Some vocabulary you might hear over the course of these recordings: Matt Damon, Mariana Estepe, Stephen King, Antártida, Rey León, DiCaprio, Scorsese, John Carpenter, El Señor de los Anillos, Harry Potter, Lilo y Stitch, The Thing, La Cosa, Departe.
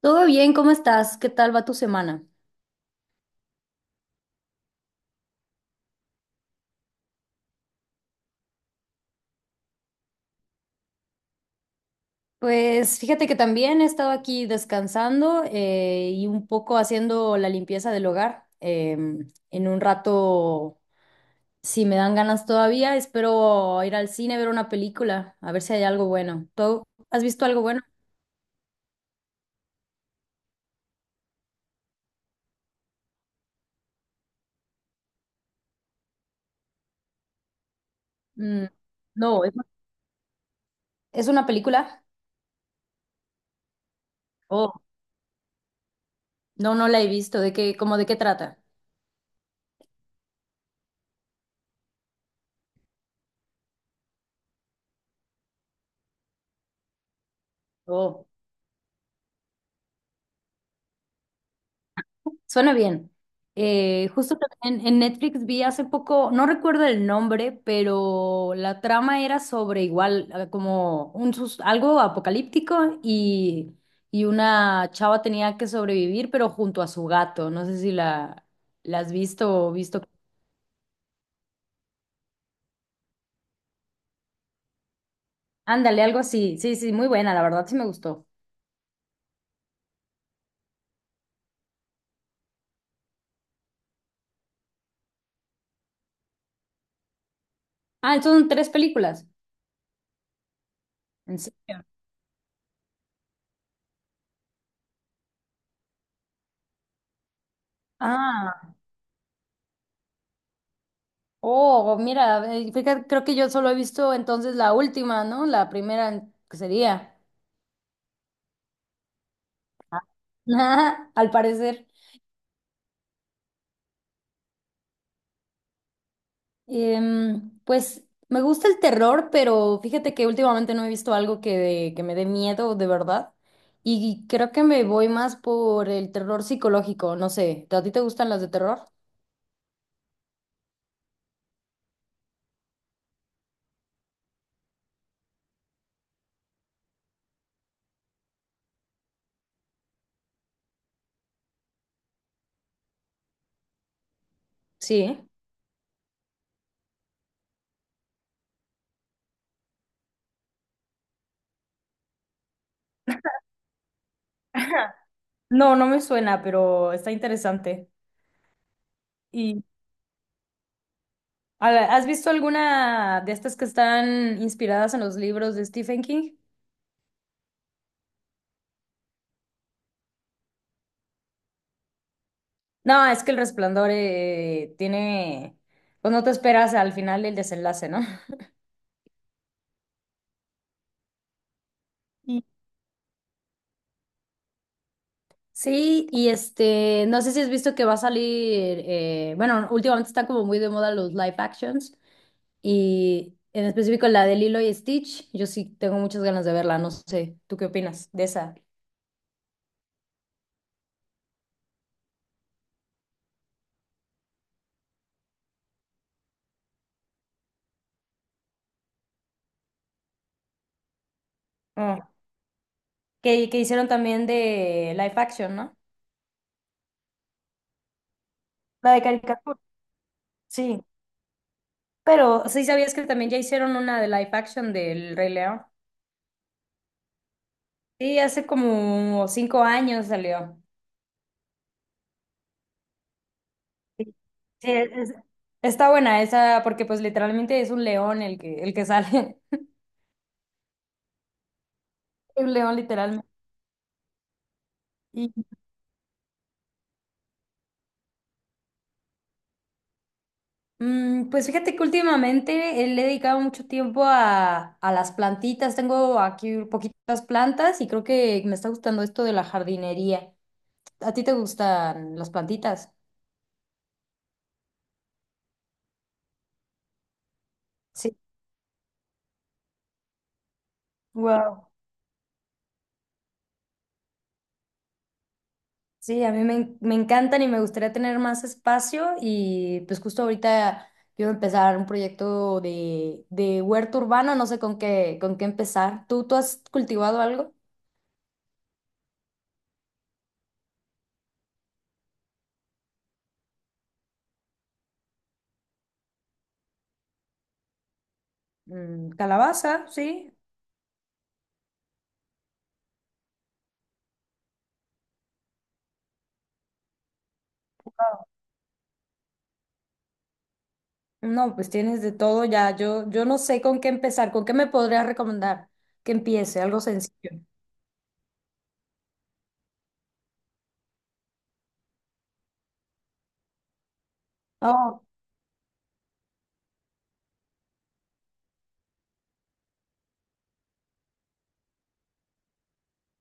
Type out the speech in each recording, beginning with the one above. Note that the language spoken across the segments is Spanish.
Todo bien, ¿cómo estás? ¿Qué tal va tu semana? Pues fíjate que también he estado aquí descansando y un poco haciendo la limpieza del hogar. En un rato, si me dan ganas todavía, espero ir al cine a ver una película, a ver si hay algo bueno. ¿Tú has visto algo bueno? Mm, no, ¿es una película? Oh, no, no la he visto. ¿De qué, cómo de qué trata? Oh. Suena bien. Justo también en Netflix vi hace poco, no recuerdo el nombre, pero la trama era sobre igual, como algo apocalíptico y una chava tenía que sobrevivir, pero junto a su gato. No sé si la has visto o visto. Ándale, algo así. Sí, sí, muy buena, la verdad sí me gustó. Ah, entonces son tres películas. ¿En serio? Ah, oh, mira, fíjate, creo que yo solo he visto entonces la última, ¿no? La primera que sería. Al parecer. Pues me gusta el terror, pero fíjate que últimamente no he visto algo que me dé miedo de verdad. Y creo que me voy más por el terror psicológico, no sé. ¿A ti te gustan las de terror? Sí. Ajá. No, no me suena, pero está interesante. ¿Y has visto alguna de estas que están inspiradas en los libros de Stephen King? No, es que El Resplandor tiene, pues no te esperas al final el desenlace, ¿no? Sí, y este, no sé si has visto que va a salir, bueno, últimamente están como muy de moda los live actions y en específico la de Lilo y Stitch, yo sí tengo muchas ganas de verla, no sé, ¿tú qué opinas de esa? Mm. Que hicieron también de live action, ¿no? La de caricatura. Sí, pero sí sabías que también ya hicieron una de live action del Rey León. Sí, hace como cinco años salió. Sí, Sí, es- está buena esa, porque pues literalmente es un león el que sale. Un león literalmente. Y, mm, pues fíjate que últimamente le he dedicado mucho tiempo a las plantitas. Tengo aquí poquitas plantas y creo que me está gustando esto de la jardinería. ¿A ti te gustan las plantitas? Sí. Wow. Sí, a mí me, en- me encantan y me gustaría tener más espacio y pues justo ahorita quiero empezar un proyecto de huerto urbano, no sé con con qué empezar. Tú has cultivado algo? Mm, calabaza, sí. No, pues tienes de todo ya. Yo no sé con qué empezar, con qué me podrías recomendar que empiece, algo sencillo. Oh.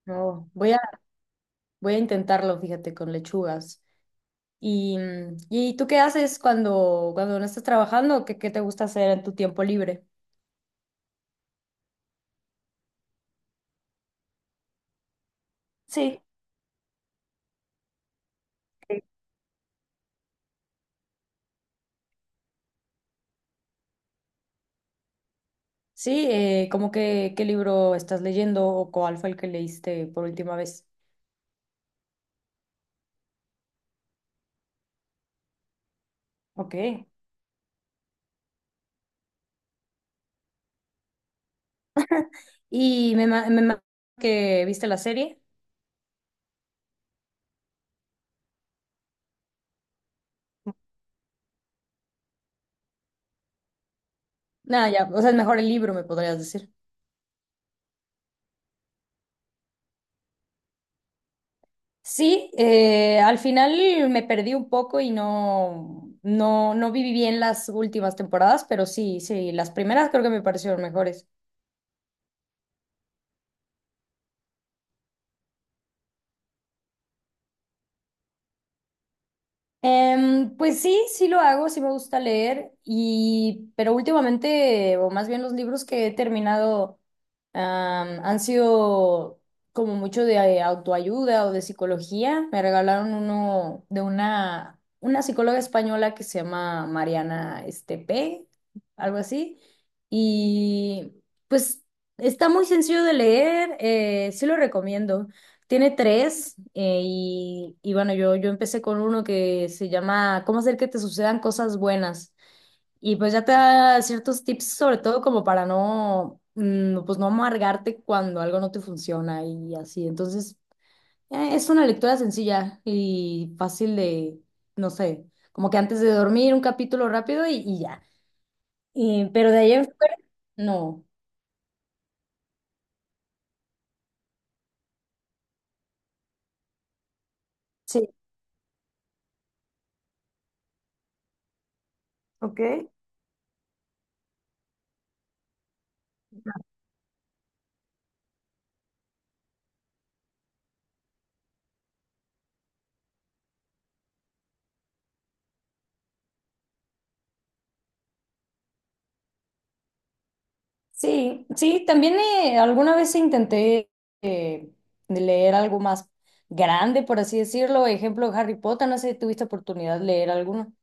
No, voy a, voy a intentarlo, fíjate, con lechugas. ¿Y, mm, ¿y tú qué haces cuando no estás trabajando? Qué te gusta hacer en tu tiempo libre? Sí, sí, ¿cómo que qué libro estás leyendo o cuál fue el que leíste por última vez? Ok. Y me, ma- me ma- que viste la serie. Nada, ya, o sea, es mejor el libro, me podrías decir. Sí, al final me perdí un poco y no viví bien las últimas temporadas, pero sí, sí, las primeras creo que me parecieron mejores. Pues sí, sí lo hago, sí me gusta leer, y, pero últimamente, o más bien los libros que he terminado, han sido como mucho de autoayuda o de psicología. Me regalaron uno de una psicóloga española que se llama Mariana Estepe, algo así. Y pues está muy sencillo de leer, sí lo recomiendo. Tiene tres y bueno, yo empecé con uno que se llama ¿Cómo hacer que te sucedan cosas buenas? Y pues ya te da ciertos tips, sobre todo como para no, mm, pues no amargarte cuando algo no te funciona y así. Entonces, es una lectura sencilla y fácil de, no sé, como que antes de dormir un capítulo rápido y ya. Pero de ahí en fuera, no. Sí. Ok. Sí, sí, también alguna vez intenté eh, de leer algo más grande, por así decirlo. Ejemplo, Harry Potter, no sé si tuviste oportunidad de leer alguno.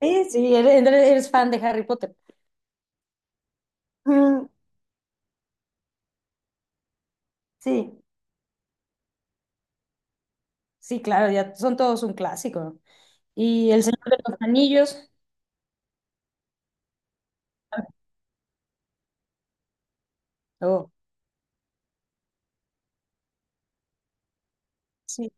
Sí, eres fan de Harry Potter. Mm, sí, sí, claro, ya son todos un clásico. Y El Señor de los Anillos. Oh, sí,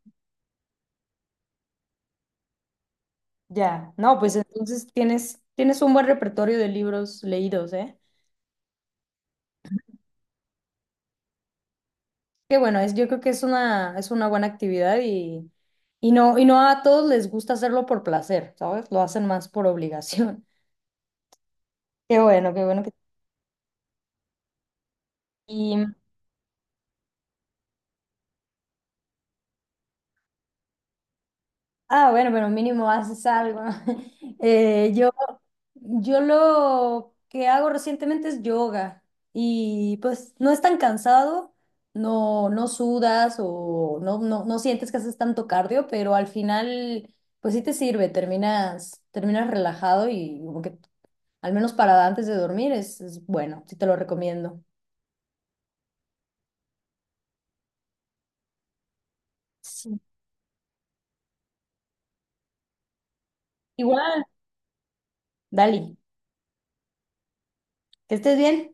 ya. No, pues entonces tienes, tienes un buen repertorio de libros leídos, ¿eh? Qué bueno, yo creo que es una buena actividad y, y no a todos les gusta hacerlo por placer, ¿sabes? Lo hacen más por obligación. Qué bueno que... Y, ah, bueno, pero mínimo haces algo. Eh, yo, yo lo que hago recientemente es yoga y pues no es tan cansado, no, no sudas o no sientes que haces tanto cardio, pero al final pues sí te sirve, terminas, terminas relajado y como que al menos para antes de dormir es bueno, sí te lo recomiendo. Sí. Igual, Dali, que estés bien.